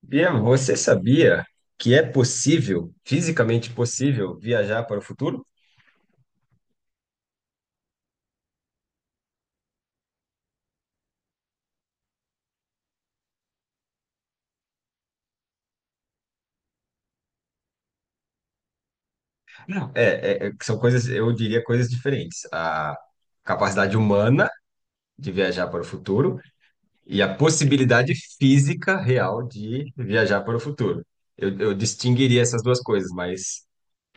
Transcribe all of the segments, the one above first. Bia, você sabia que é possível, fisicamente possível, viajar para o futuro? Não. É, são coisas, eu diria coisas diferentes. A capacidade humana de viajar para o futuro e a possibilidade física real de viajar para o futuro. Eu distinguiria essas duas coisas, mas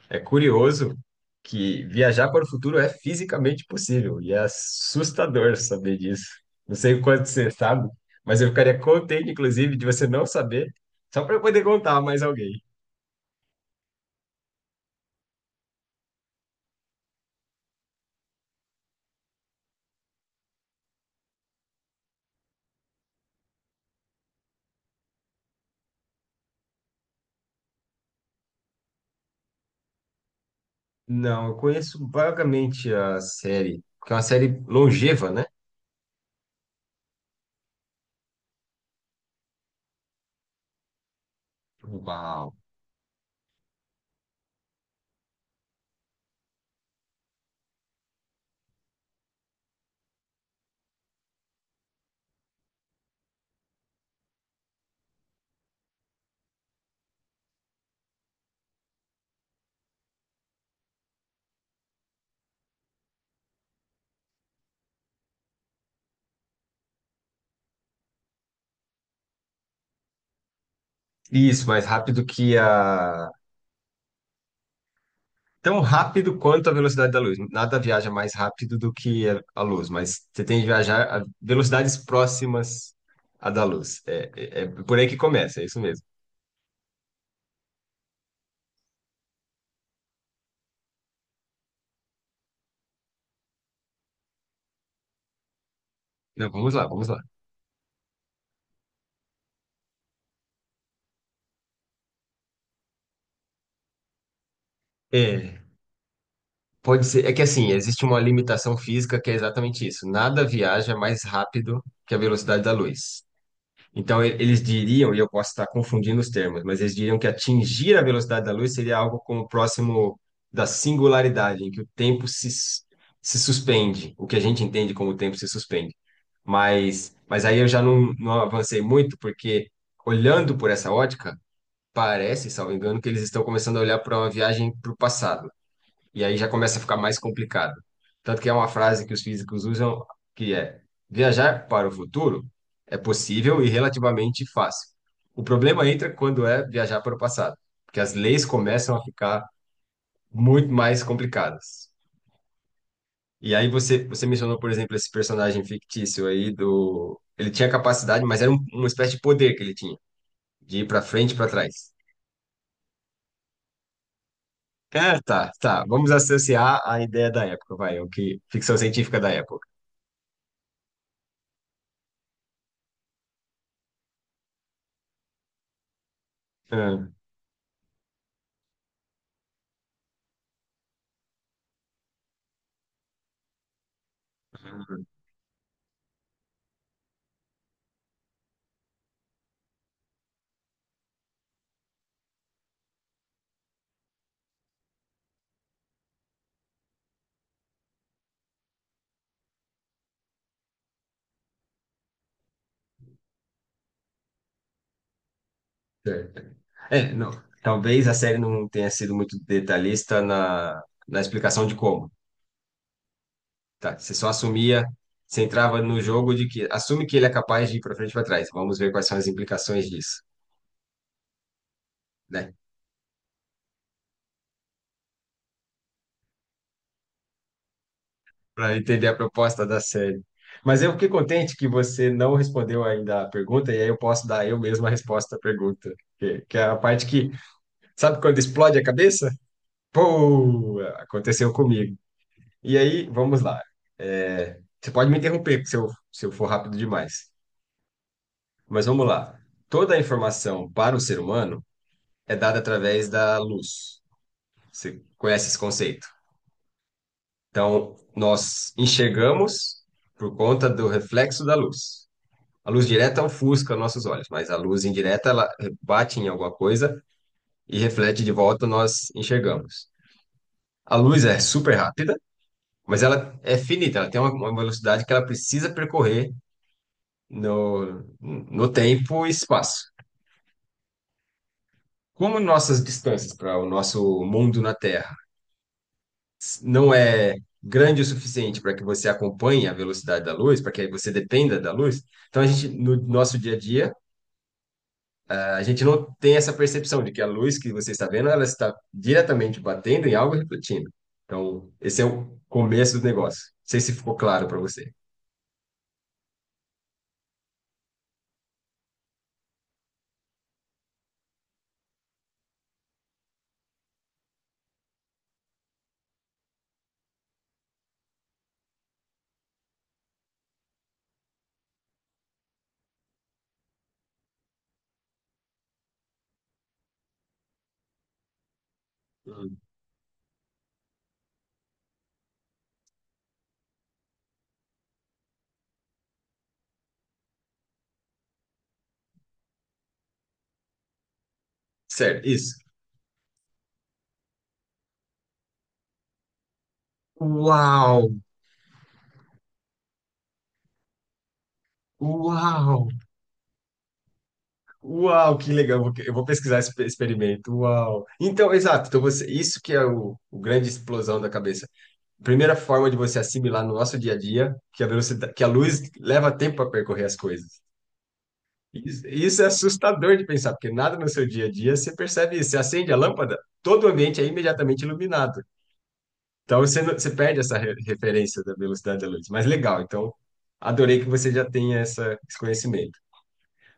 é curioso que viajar para o futuro é fisicamente possível e é assustador saber disso. Não sei o quanto você sabe, mas eu ficaria contente, inclusive, de você não saber, só para eu poder contar a mais alguém. Não, eu conheço vagamente a série, porque é uma série longeva, né? Uau! Isso, mais rápido que a tão rápido quanto a velocidade da luz. Nada viaja mais rápido do que a luz, mas você tem que viajar a velocidades próximas à da luz. É por aí que começa, é isso mesmo. Não, vamos lá, vamos lá. É, pode ser, é que assim, existe uma limitação física que é exatamente isso. Nada viaja mais rápido que a velocidade da luz. Então, eles diriam, e eu posso estar confundindo os termos, mas eles diriam que atingir a velocidade da luz seria algo como próximo da singularidade, em que o tempo se suspende, o que a gente entende como o tempo se suspende. Mas aí eu já não avancei muito, porque olhando por essa ótica, parece, salvo engano, que eles estão começando a olhar para uma viagem para o passado. E aí já começa a ficar mais complicado. Tanto que é uma frase que os físicos usam, que é: viajar para o futuro é possível e relativamente fácil. O problema entra quando é viajar para o passado, porque as leis começam a ficar muito mais complicadas. E aí você mencionou, por exemplo, esse personagem fictício aí do. Ele tinha capacidade, mas era um, uma espécie de poder que ele tinha, de ir para frente e para trás. É, tá, tá. Vamos associar a ideia da época, vai, o que ficção científica da época. Hum. Certo. É, não, talvez a série não tenha sido muito detalhista na, explicação de como, tá? Você só assumia, você entrava no jogo de que assume que ele é capaz de ir para frente e para trás. Vamos ver quais são as implicações disso, né? Para entender a proposta da série. Mas eu fiquei contente que você não respondeu ainda a pergunta, e aí eu posso dar eu mesmo a resposta à pergunta, que é a parte que, sabe quando explode a cabeça? Pô, aconteceu comigo. E aí, vamos lá. É, você pode me interromper se eu for rápido demais. Mas vamos lá. Toda a informação para o ser humano é dada através da luz. Você conhece esse conceito? Então, nós enxergamos por conta do reflexo da luz. A luz direta ofusca nossos olhos, mas a luz indireta, ela bate em alguma coisa e reflete de volta, nós enxergamos. A luz é super rápida, mas ela é finita, ela tem uma velocidade que ela precisa percorrer no tempo e espaço. Como nossas distâncias para o nosso mundo na Terra não é grande o suficiente para que você acompanhe a velocidade da luz, para que aí você dependa da luz, então a gente, no nosso dia a dia, a gente não tem essa percepção de que a luz que você está vendo, ela está diretamente batendo em algo e refletindo. Então, esse é o começo do negócio. Não sei se ficou claro para você. Hum. Certo, isso. Uau! Uau! Uau, que legal. Eu vou pesquisar esse experimento. Uau. Então, exato. Então você, isso que é o grande explosão da cabeça. Primeira forma de você assimilar no nosso dia a dia que a velocidade, que a luz leva tempo para percorrer as coisas. Isso é assustador de pensar, porque nada no seu dia a dia você percebe isso. Você acende a lâmpada, todo o ambiente é imediatamente iluminado. Então você, você perde essa referência da velocidade da luz. Mas legal. Então, adorei que você já tenha esse conhecimento.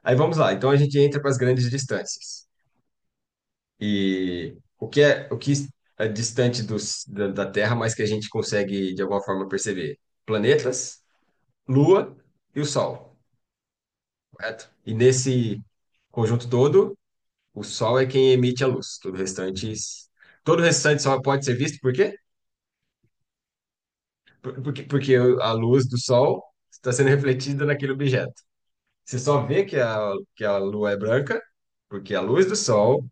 Aí vamos lá. Então a gente entra para as grandes distâncias. E o que é distante da Terra, mas que a gente consegue de alguma forma perceber? Planetas, Lua e o Sol, correto? E nesse conjunto todo, o Sol é quem emite a luz. Todo o restante só pode ser visto por quê? Porque a luz do Sol está sendo refletida naquele objeto. Você só vê que a Lua é branca, porque a luz do Sol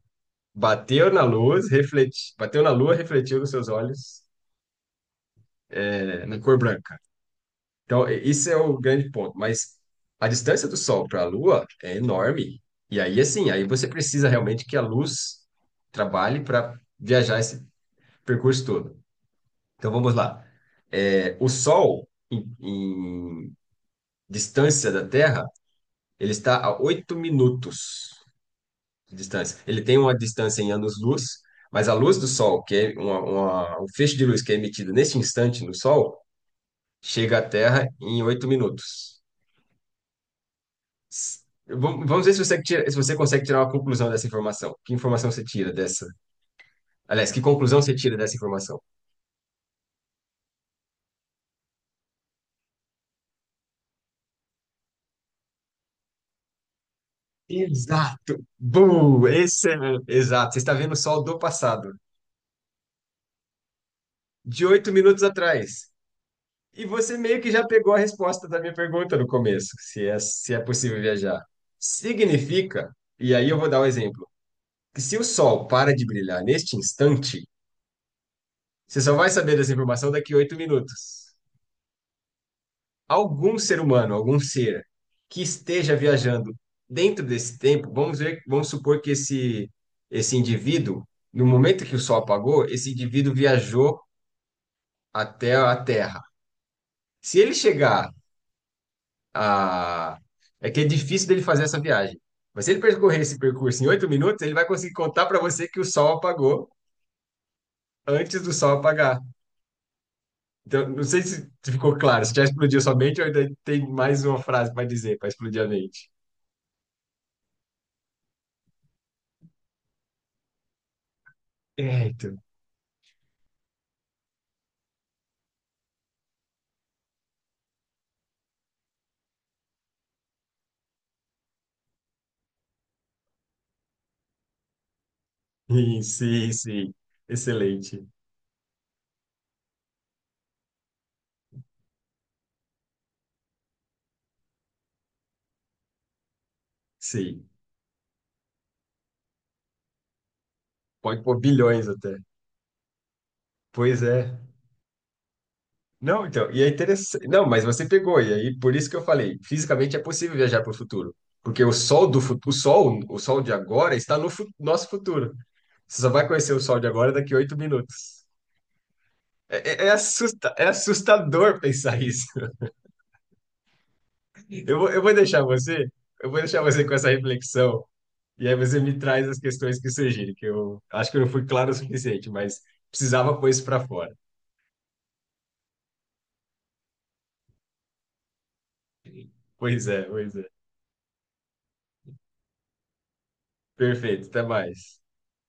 bateu na luz, refleti, bateu na Lua, refletiu nos seus olhos, é, na cor branca. Então, isso é o grande ponto. Mas a distância do Sol para a Lua é enorme. E aí, assim, aí você precisa realmente que a luz trabalhe para viajar esse percurso todo. Então, vamos lá. É, o Sol, em distância da Terra, ele está a 8 minutos de distância. Ele tem uma distância em anos-luz, mas a luz do Sol, que é um feixe de luz que é emitido neste instante no Sol, chega à Terra em 8 minutos. S- vamos ver se você, se você consegue tirar uma conclusão dessa informação. Que informação você tira dessa? Aliás, que conclusão você tira dessa informação? Exato! Boom! Esse é... Exato, você está vendo o sol do passado, de 8 minutos atrás. E você meio que já pegou a resposta da minha pergunta no começo, se é, se é possível viajar. Significa, e aí eu vou dar um exemplo, que se o sol para de brilhar neste instante, você só vai saber dessa informação daqui a 8 minutos. Algum ser humano, algum ser que esteja viajando dentro desse tempo, vamos ver, vamos supor que esse indivíduo, no momento que o sol apagou, esse indivíduo viajou até a Terra. Se ele chegar a... É que é difícil dele fazer essa viagem. Mas se ele percorrer esse percurso em 8 minutos, ele vai conseguir contar para você que o sol apagou antes do sol apagar. Então, não sei se ficou claro, se já explodiu sua mente ou ainda tem mais uma frase para dizer, para explodir a mente. É, então, sim, sim, sim. Excelente. Sim. Pode pôr bilhões até. Pois é. Não, então, e é interessante. Não, mas você pegou, e aí por isso que eu falei, fisicamente é possível viajar para o futuro. Porque o sol do futuro, o sol de agora está no nosso futuro. Você só vai conhecer o sol de agora daqui a 8 minutos. É, é assustador pensar isso. Eu vou deixar você, eu vou deixar você com essa reflexão. E aí você me traz as questões que surgirem, que eu acho que eu não fui claro o suficiente, mas precisava pôr isso para fora. Pois é, pois é. Perfeito, até mais.